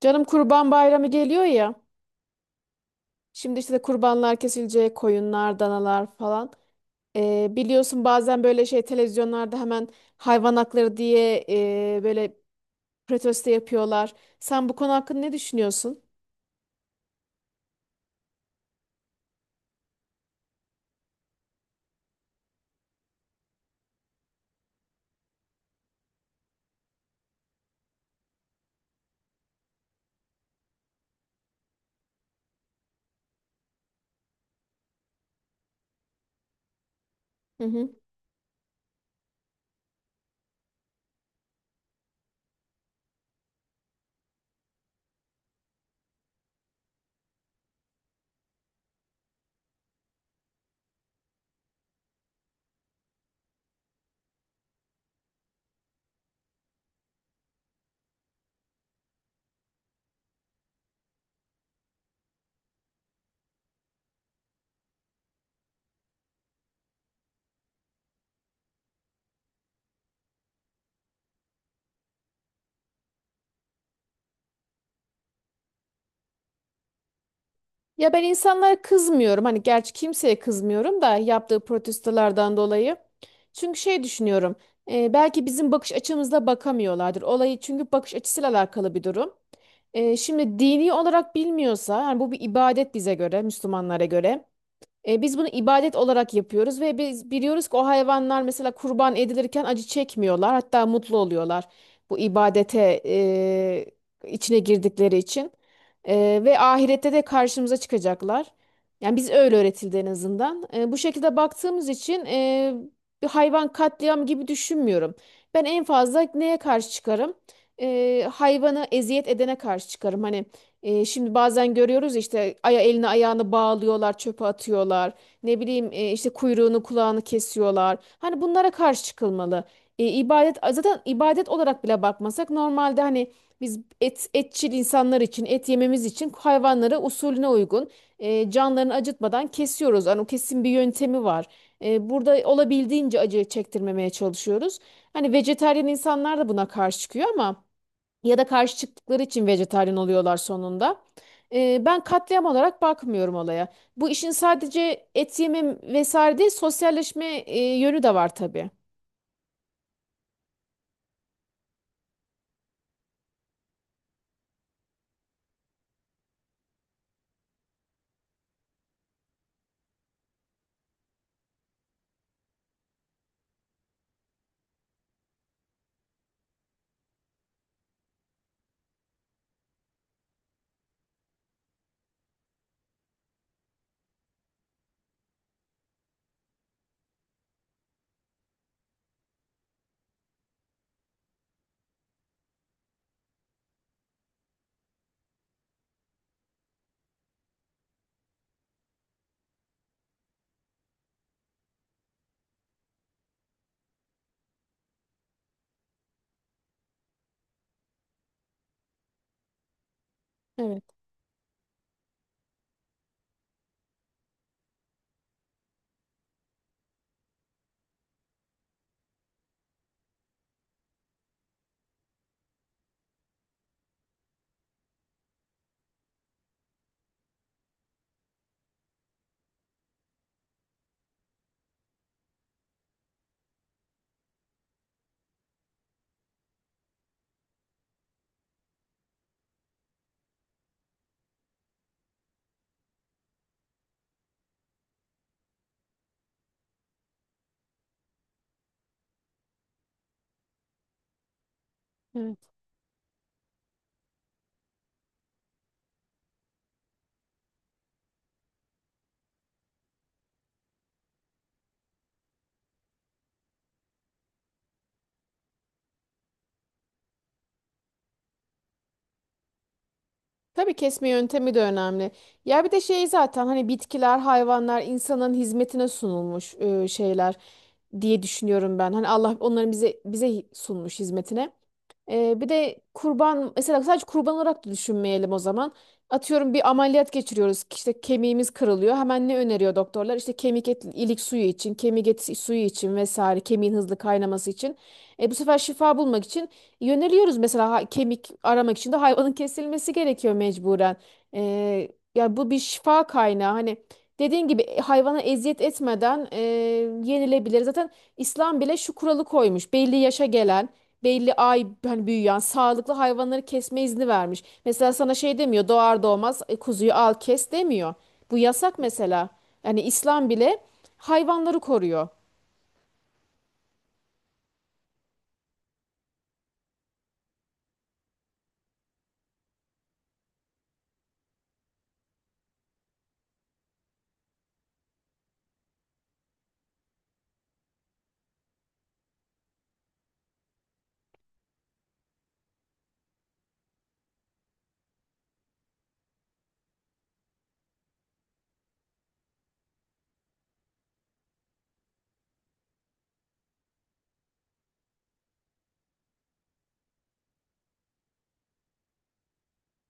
Canım Kurban Bayramı geliyor ya. Şimdi işte de kurbanlar kesilecek, koyunlar, danalar falan. Biliyorsun bazen böyle şey televizyonlarda hemen hayvan hakları diye böyle protesto yapıyorlar. Sen bu konu hakkında ne düşünüyorsun? Ya ben insanlara kızmıyorum. Hani gerçi kimseye kızmıyorum da yaptığı protestolardan dolayı. Çünkü şey düşünüyorum. Belki bizim bakış açımızla bakamıyorlardır. Olayı çünkü bakış açısıyla alakalı bir durum. Şimdi dini olarak bilmiyorsa, yani bu bir ibadet bize göre, Müslümanlara göre. Biz bunu ibadet olarak yapıyoruz ve biz biliyoruz ki o hayvanlar mesela kurban edilirken acı çekmiyorlar, hatta mutlu oluyorlar bu ibadete içine girdikleri için. Ve ahirette de karşımıza çıkacaklar. Yani biz öyle öğretildi en azından. Bu şekilde baktığımız için bir hayvan katliam gibi düşünmüyorum. Ben en fazla neye karşı çıkarım? Hayvanı eziyet edene karşı çıkarım. Hani. Şimdi bazen görüyoruz işte aya elini ayağını bağlıyorlar, çöpe atıyorlar. Ne bileyim işte kuyruğunu kulağını kesiyorlar. Hani bunlara karşı çıkılmalı. E, ibadet zaten ibadet olarak bile bakmasak normalde hani biz et etçil insanlar için et yememiz için hayvanları usulüne uygun canlarını acıtmadan kesiyoruz. Hani o kesin bir yöntemi var. Burada olabildiğince acı çektirmemeye çalışıyoruz. Hani vejetaryen insanlar da buna karşı çıkıyor ama ya da karşı çıktıkları için vejetaryen oluyorlar sonunda. Ben katliam olarak bakmıyorum olaya. Bu işin sadece et yeme vesaire değil, sosyalleşme yönü de var tabii. Evet, evet. Tabii kesme yöntemi de önemli. Ya bir de şey zaten hani bitkiler, hayvanlar insanın hizmetine sunulmuş şeyler diye düşünüyorum ben. Hani Allah onların bize sunmuş hizmetine. Bir de kurban mesela sadece kurban olarak da düşünmeyelim o zaman. Atıyorum bir ameliyat geçiriyoruz. İşte kemiğimiz kırılıyor. Hemen ne öneriyor doktorlar? İşte kemik et, ilik suyu için, kemik eti suyu için vesaire, kemiğin hızlı kaynaması için. Bu sefer şifa bulmak için yöneliyoruz mesela kemik aramak için de hayvanın kesilmesi gerekiyor mecburen. Ee, yani bu bir şifa kaynağı. Hani dediğin gibi hayvana eziyet etmeden yenilebilir. Zaten İslam bile şu kuralı koymuş. Belli yaşa gelen, belli ay hani büyüyen, sağlıklı hayvanları kesme izni vermiş. Mesela sana şey demiyor, doğar doğmaz kuzuyu al kes demiyor. Bu yasak mesela. Yani İslam bile hayvanları koruyor.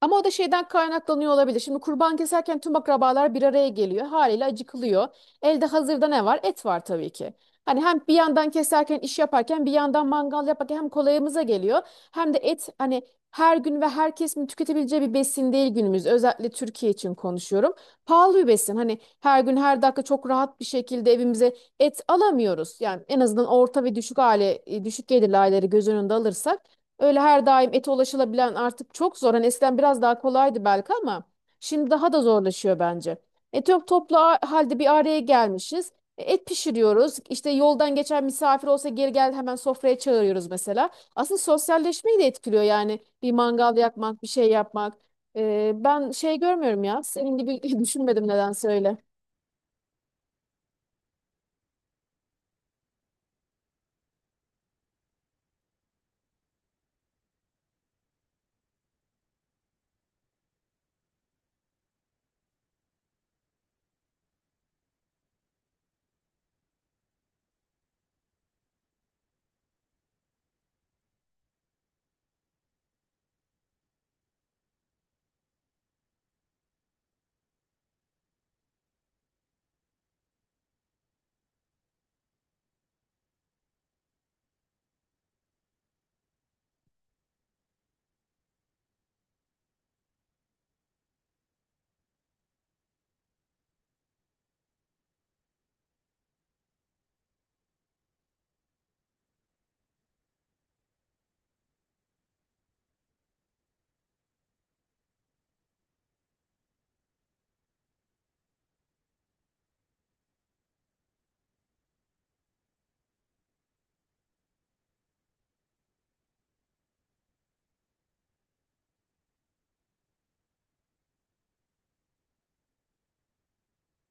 Ama o da şeyden kaynaklanıyor olabilir. Şimdi kurban keserken tüm akrabalar bir araya geliyor. Haliyle acıkılıyor. Elde hazırda ne var? Et var tabii ki. Hani hem bir yandan keserken iş yaparken bir yandan mangal yaparken hem kolayımıza geliyor. Hem de et hani her gün ve herkesin tüketebileceği bir besin değil günümüz. Özellikle Türkiye için konuşuyorum. Pahalı bir besin. Hani her gün her dakika çok rahat bir şekilde evimize et alamıyoruz. Yani en azından orta ve düşük aile, düşük gelirli aileleri göz önünde alırsak. Öyle her daim ete ulaşılabilen artık çok zor. Hani eskiden biraz daha kolaydı belki ama şimdi daha da zorlaşıyor bence. Çok toplu halde bir araya gelmişiz. Et pişiriyoruz. İşte yoldan geçen misafir olsa geri gel hemen sofraya çağırıyoruz mesela. Aslında sosyalleşmeyi de etkiliyor yani bir mangal yakmak, bir şey yapmak. Ben şey görmüyorum ya. Senin gibi düşünmedim nedense öyle.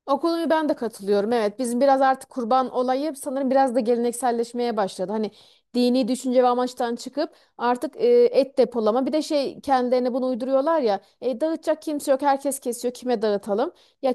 O konuyu ben de katılıyorum. Evet, bizim biraz artık kurban olayı sanırım biraz da gelenekselleşmeye başladı. Hani dini düşünce ve amaçtan çıkıp artık et depolama. Bir de şey kendilerine bunu uyduruyorlar ya. Dağıtacak kimse yok. Herkes kesiyor. Kime dağıtalım? Ya,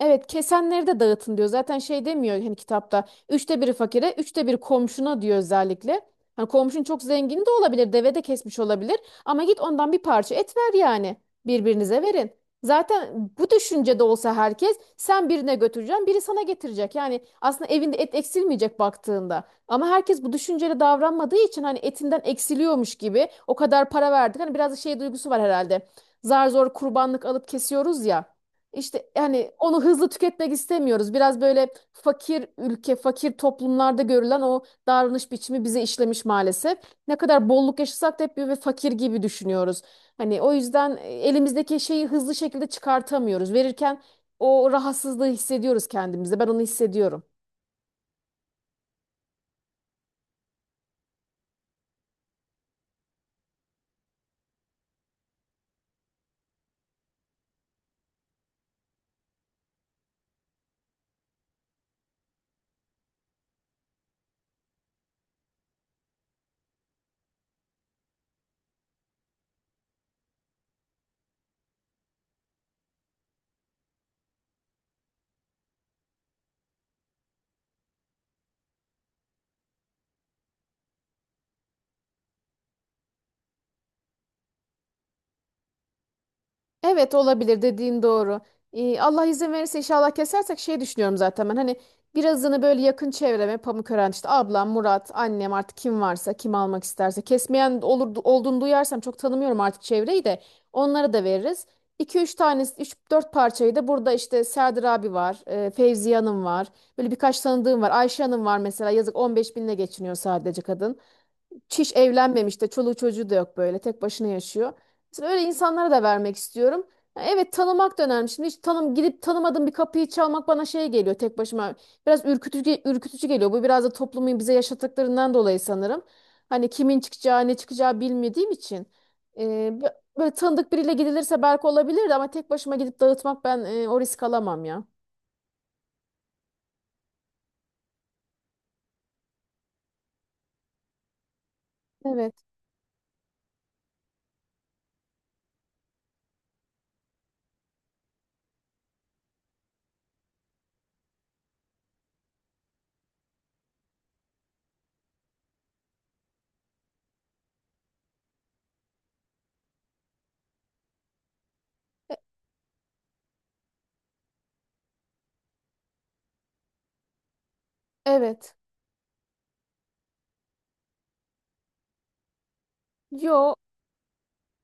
evet, kesenleri de dağıtın diyor. Zaten şey demiyor hani kitapta. Üçte biri fakire, üçte biri komşuna diyor özellikle. Hani komşun çok zengini de olabilir, deve de kesmiş olabilir. Ama git ondan bir parça et ver yani. Birbirinize verin. Zaten bu düşüncede olsa herkes sen birine götüreceksin, biri sana getirecek. Yani aslında evinde et eksilmeyecek baktığında. Ama herkes bu düşünceli davranmadığı için hani etinden eksiliyormuş gibi o kadar para verdik. Hani biraz da şey duygusu var herhalde. Zar zor kurbanlık alıp kesiyoruz ya. İşte yani onu hızlı tüketmek istemiyoruz. Biraz böyle fakir ülke, fakir toplumlarda görülen o davranış biçimi bize işlemiş maalesef. Ne kadar bolluk yaşasak da hep böyle fakir gibi düşünüyoruz. Hani o yüzden elimizdeki şeyi hızlı şekilde çıkartamıyoruz. Verirken o rahatsızlığı hissediyoruz kendimizde. Ben onu hissediyorum. Evet, olabilir, dediğin doğru. Allah izin verirse inşallah kesersek şey düşünüyorum zaten ben, hani birazını böyle yakın çevreme Pamukören işte ablam, Murat, annem, artık kim varsa, kim almak isterse, kesmeyen olur, olduğunu duyarsam, çok tanımıyorum artık çevreyi de, onlara da veririz. İki üç tane, üç dört parçayı da burada işte Serdar abi var, Fevziye Hanım var. Böyle birkaç tanıdığım var. Ayşe Hanım var mesela, yazık, 15 binle geçiniyor sadece kadın. Çiş evlenmemiş de çoluğu çocuğu da yok, böyle tek başına yaşıyor. Mesela öyle insanlara da vermek istiyorum. Ya, evet, tanımak da önemli. Şimdi hiç tanım gidip tanımadığım bir kapıyı çalmak bana şey geliyor tek başıma. Biraz ürkütücü, ürkütücü geliyor. Bu biraz da toplumun bize yaşattıklarından dolayı sanırım. Hani kimin çıkacağı, ne çıkacağı bilmediğim için. Ee, böyle tanıdık biriyle gidilirse belki olabilirdi ama tek başıma gidip dağıtmak, ben o risk alamam ya. Evet. E- Evet. Yo,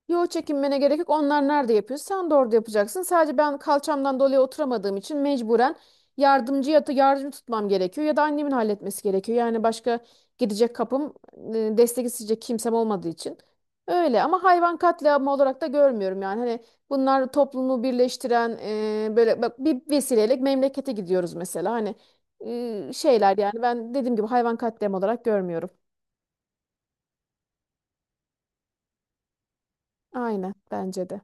yo, çekinmene gerek yok. Onlar nerede yapıyor? Sen de orada yapacaksın. Sadece ben kalçamdan dolayı oturamadığım için mecburen yardımcı ya da yardım tutmam gerekiyor ya da annemin halletmesi gerekiyor. Yani başka gidecek kapım, destek isteyecek kimsem olmadığı için. Öyle ama hayvan katliamı olarak da görmüyorum yani. Hani bunlar toplumu birleştiren böyle, bak, bir vesileyle memlekete gidiyoruz mesela. Hani şeyler, yani ben dediğim gibi hayvan katliamı olarak görmüyorum. Aynen, bence de.